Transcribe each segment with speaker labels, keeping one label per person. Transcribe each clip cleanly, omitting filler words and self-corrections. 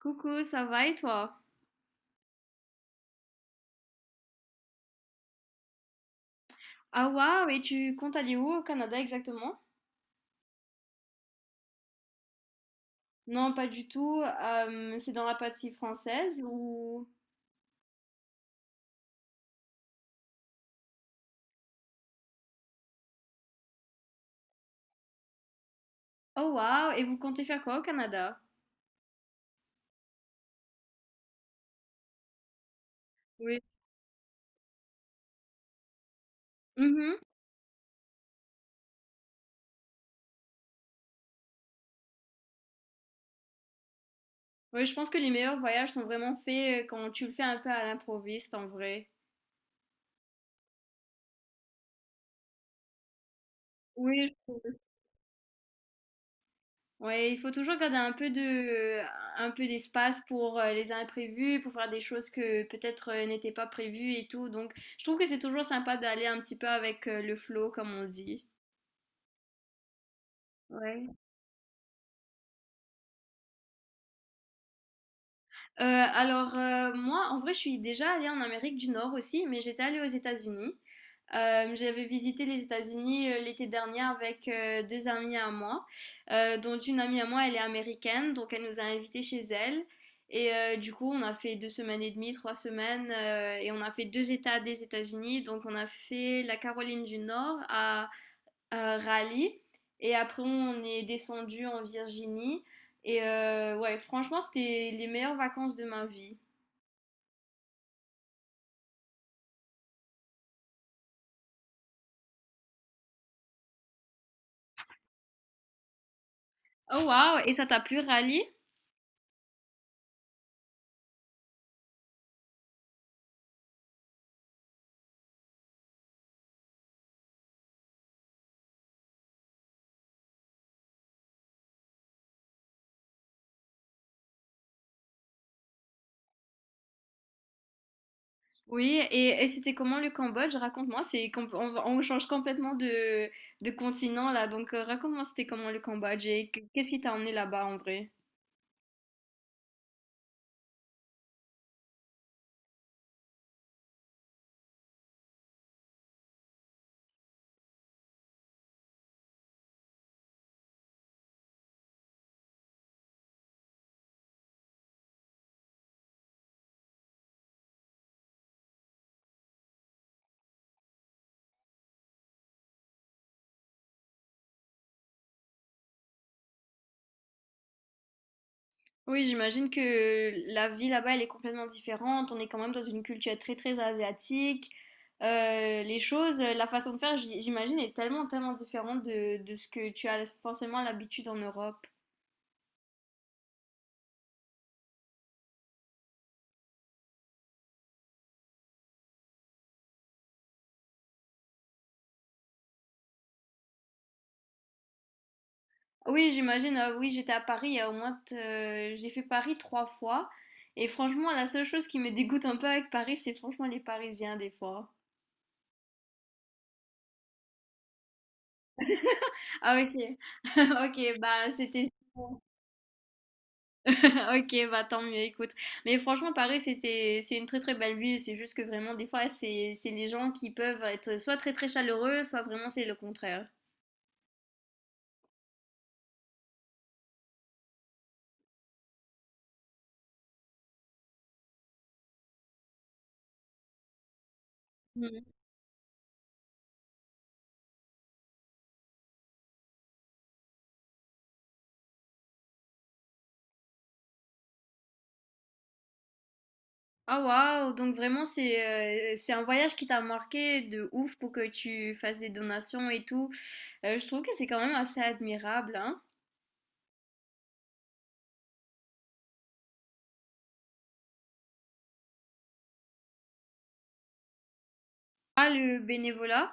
Speaker 1: Coucou, ça va et toi? Ah waouh, et tu comptes aller où au Canada exactement? Non, pas du tout. C'est dans la partie française ou... Oh waouh, et vous comptez faire quoi au Canada? Oui. Mhm. Oui, je pense que les meilleurs voyages sont vraiment faits quand tu le fais un peu à l'improviste en vrai. Oui, je trouve. Ouais, il faut toujours garder un peu d'espace pour les imprévus, pour faire des choses que peut-être n'étaient pas prévues et tout. Donc, je trouve que c'est toujours sympa d'aller un petit peu avec le flow, comme on dit. Ouais. Alors, moi, en vrai, je suis déjà allée en Amérique du Nord aussi, mais j'étais allée aux États-Unis. J'avais visité les États-Unis, l'été dernier avec, 2 amies à moi, dont une amie à moi, elle est américaine, donc elle nous a invités chez elle et du coup, on a fait 2 semaines et demie, 3 semaines, et on a fait 2 États des États-Unis. Donc on a fait la Caroline du Nord à Raleigh. Et après, on est descendu en Virginie. Et ouais, franchement, c'était les meilleures vacances de ma vie. Oh waouh! Et ça t'a plu, Rally? Oui, et c'était comment le Cambodge? Raconte-moi, on change complètement de continent là, donc raconte-moi c'était comment le Cambodge et qu'est-ce qui t'a emmené là-bas en vrai? Oui, j'imagine que la vie là-bas, elle est complètement différente. On est quand même dans une culture très très asiatique. Les choses, la façon de faire, j'imagine, est tellement tellement différente de ce que tu as forcément l'habitude en Europe. Oui, j'imagine. Oui, j'étais à Paris il y a au moins, j'ai fait Paris 3 fois. Et franchement, la seule chose qui me dégoûte un peu avec Paris, c'est franchement les Parisiens des fois. Ah, ok. Ok, bah c'était. Ok, bah tant mieux, écoute. Mais franchement, Paris, c'est une très très belle ville. C'est juste que vraiment, des fois, c'est les gens qui peuvent être soit très très chaleureux, soit vraiment c'est le contraire. Mhm. Ah waouh, donc vraiment, c'est un voyage qui t'a marqué de ouf pour que tu fasses des donations et tout. Je trouve que c'est quand même assez admirable, hein. Ah, le bénévolat?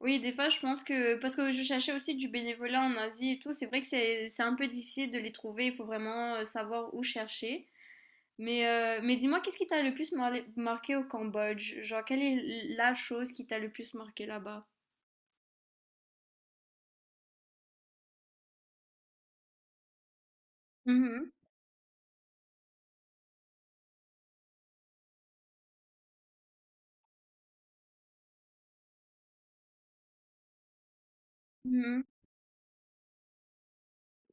Speaker 1: Oui, des fois, je pense que, parce que je cherchais aussi du bénévolat en Asie et tout, c'est vrai que c'est un peu difficile de les trouver. Il faut vraiment savoir où chercher. Mais dis-moi, qu'est-ce qui t'a le plus marqué au Cambodge? Genre, quelle est la chose qui t'a le plus marqué là-bas? Mhm, mhm.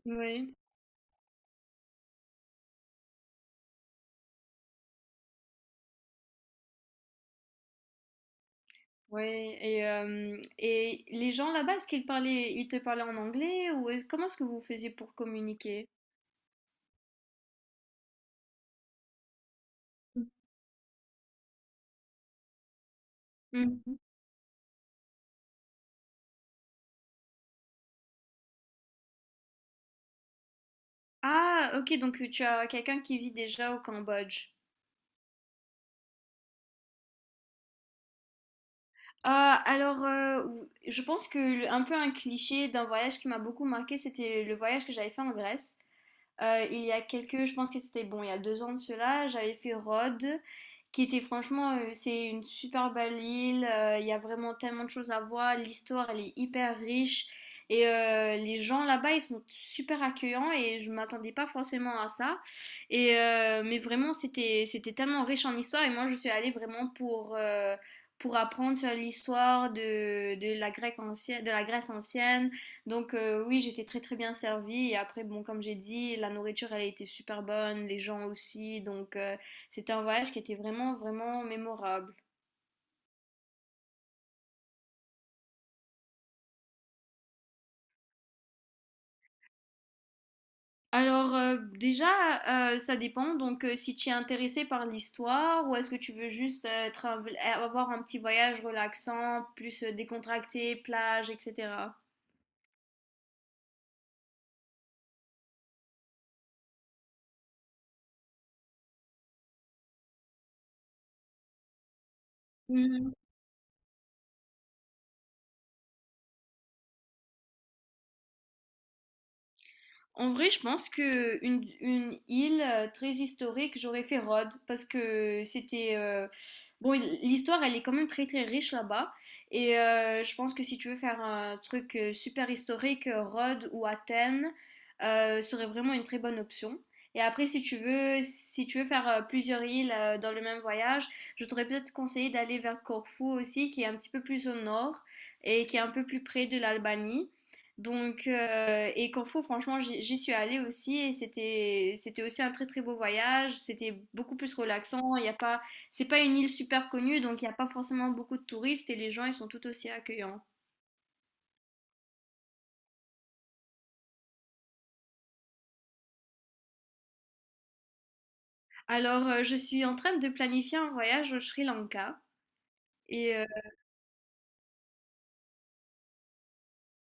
Speaker 1: Oui, oui. Et les gens là-bas, ils te parlaient en anglais ou comment est-ce que vous faisiez pour communiquer? Mhm. Ah, ok, donc tu as quelqu'un qui vit déjà au Cambodge. Ah, alors, je pense que un peu un cliché d'un voyage qui m'a beaucoup marqué, c'était le voyage que j'avais fait en Grèce. Il y a quelques, Je pense que c'était bon, il y a 2 ans de cela, j'avais fait Rhodes, qui était franchement, c'est une super belle île, il y a vraiment tellement de choses à voir, l'histoire elle est hyper riche, et les gens là-bas ils sont super accueillants, et je m'attendais pas forcément à ça, mais vraiment c'était tellement riche en histoire, et moi je suis allée vraiment pour apprendre sur l'histoire de la Grèce ancienne, donc oui, j'étais très très bien servie. Et après, bon, comme j'ai dit, la nourriture, elle a été super bonne, les gens aussi. Donc c'était un voyage qui était vraiment vraiment mémorable. Alors déjà, ça dépend. Donc si tu es intéressé par l'histoire ou est-ce que tu veux juste avoir un petit voyage relaxant, plus décontracté, plage, etc. En vrai, je pense que une île très historique, j'aurais fait Rhodes parce que c'était bon, l'histoire elle est quand même très très riche là-bas et je pense que si tu veux faire un truc super historique, Rhodes ou Athènes serait vraiment une très bonne option. Et après, si tu veux faire plusieurs îles dans le même voyage, je t'aurais peut-être conseillé d'aller vers Corfou aussi, qui est un petit peu plus au nord et qui est un peu plus près de l'Albanie. Donc, et Corfou, franchement, j'y suis allée aussi et c'était aussi un très très beau voyage. C'était beaucoup plus relaxant. Il y a pas, C'est pas une île super connue, donc il n'y a pas forcément beaucoup de touristes et les gens ils sont tout aussi accueillants. Alors, je suis en train de planifier un voyage au Sri Lanka et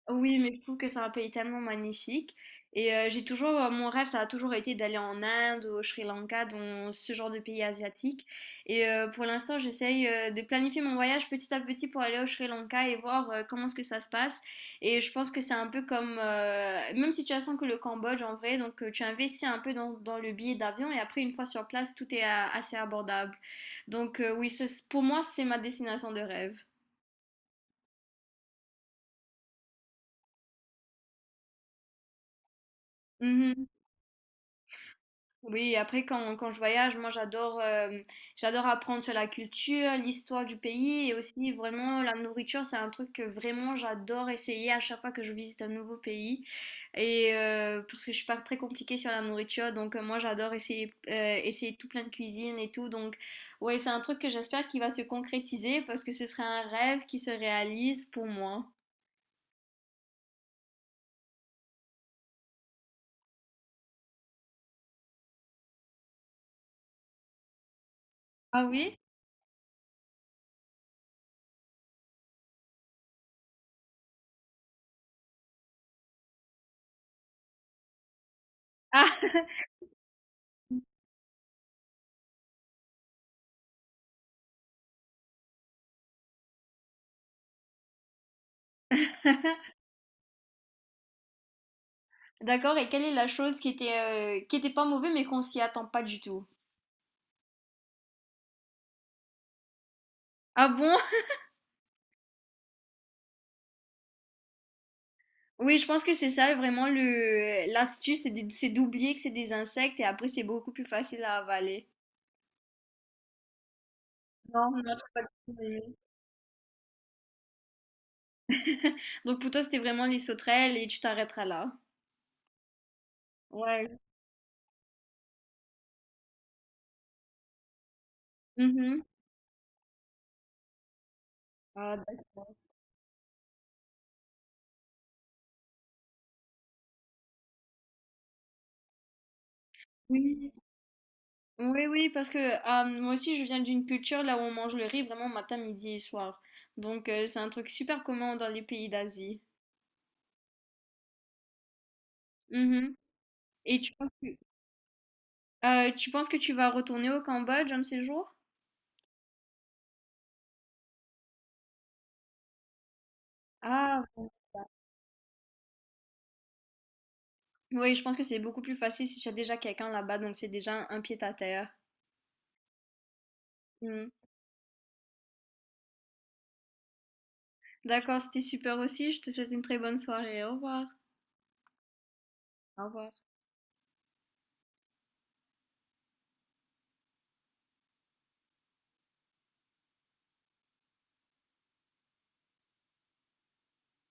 Speaker 1: Oui, mais je trouve que c'est un pays tellement magnifique. Et j'ai toujours, mon rêve, ça a toujours été d'aller en Inde, au Sri Lanka, dans ce genre de pays asiatiques. Et pour l'instant, j'essaye de planifier mon voyage petit à petit pour aller au Sri Lanka et voir comment est-ce que ça se passe. Et je pense que c'est un peu comme, même situation que le Cambodge en vrai. Donc tu investis un peu dans le billet d'avion et après, une fois sur place, tout est assez abordable. Donc oui, pour moi, c'est ma destination de rêve. Oui, après quand je voyage, moi j'adore apprendre sur la culture, l'histoire du pays et aussi vraiment la nourriture, c'est un truc que vraiment j'adore essayer à chaque fois que je visite un nouveau pays. Et parce que je suis pas très compliquée sur la nourriture, donc moi j'adore essayer tout plein de cuisine et tout. Donc ouais, c'est un truc que j'espère qu'il va se concrétiser parce que ce serait un rêve qui se réalise pour moi. Ah oui? Ah, d'accord, et quelle est la chose qui était pas mauvaise mais qu'on s'y attend pas du tout? Ah bon? Oui, je pense que c'est ça vraiment le l'astuce, c'est d'oublier que c'est des insectes et après c'est beaucoup plus facile à avaler. Non, non, c'est pas du tout aimé. Donc pour toi, c'était vraiment les sauterelles et tu t'arrêteras là. Ouais. Mhm. Ah, d'accord. Oui, oui, oui, parce que moi aussi, je viens d'une culture là où on mange le riz vraiment matin, midi et soir. Donc c'est un truc super commun dans les pays d'Asie. Mhm. Et tu penses que tu vas retourner au Cambodge un de ces jours? Ah. Oui, je pense que c'est beaucoup plus facile si tu as déjà quelqu'un là-bas, donc c'est déjà un pied à terre. Mm. D'accord, c'était super aussi. Je te souhaite une très bonne soirée. Au revoir. Au revoir.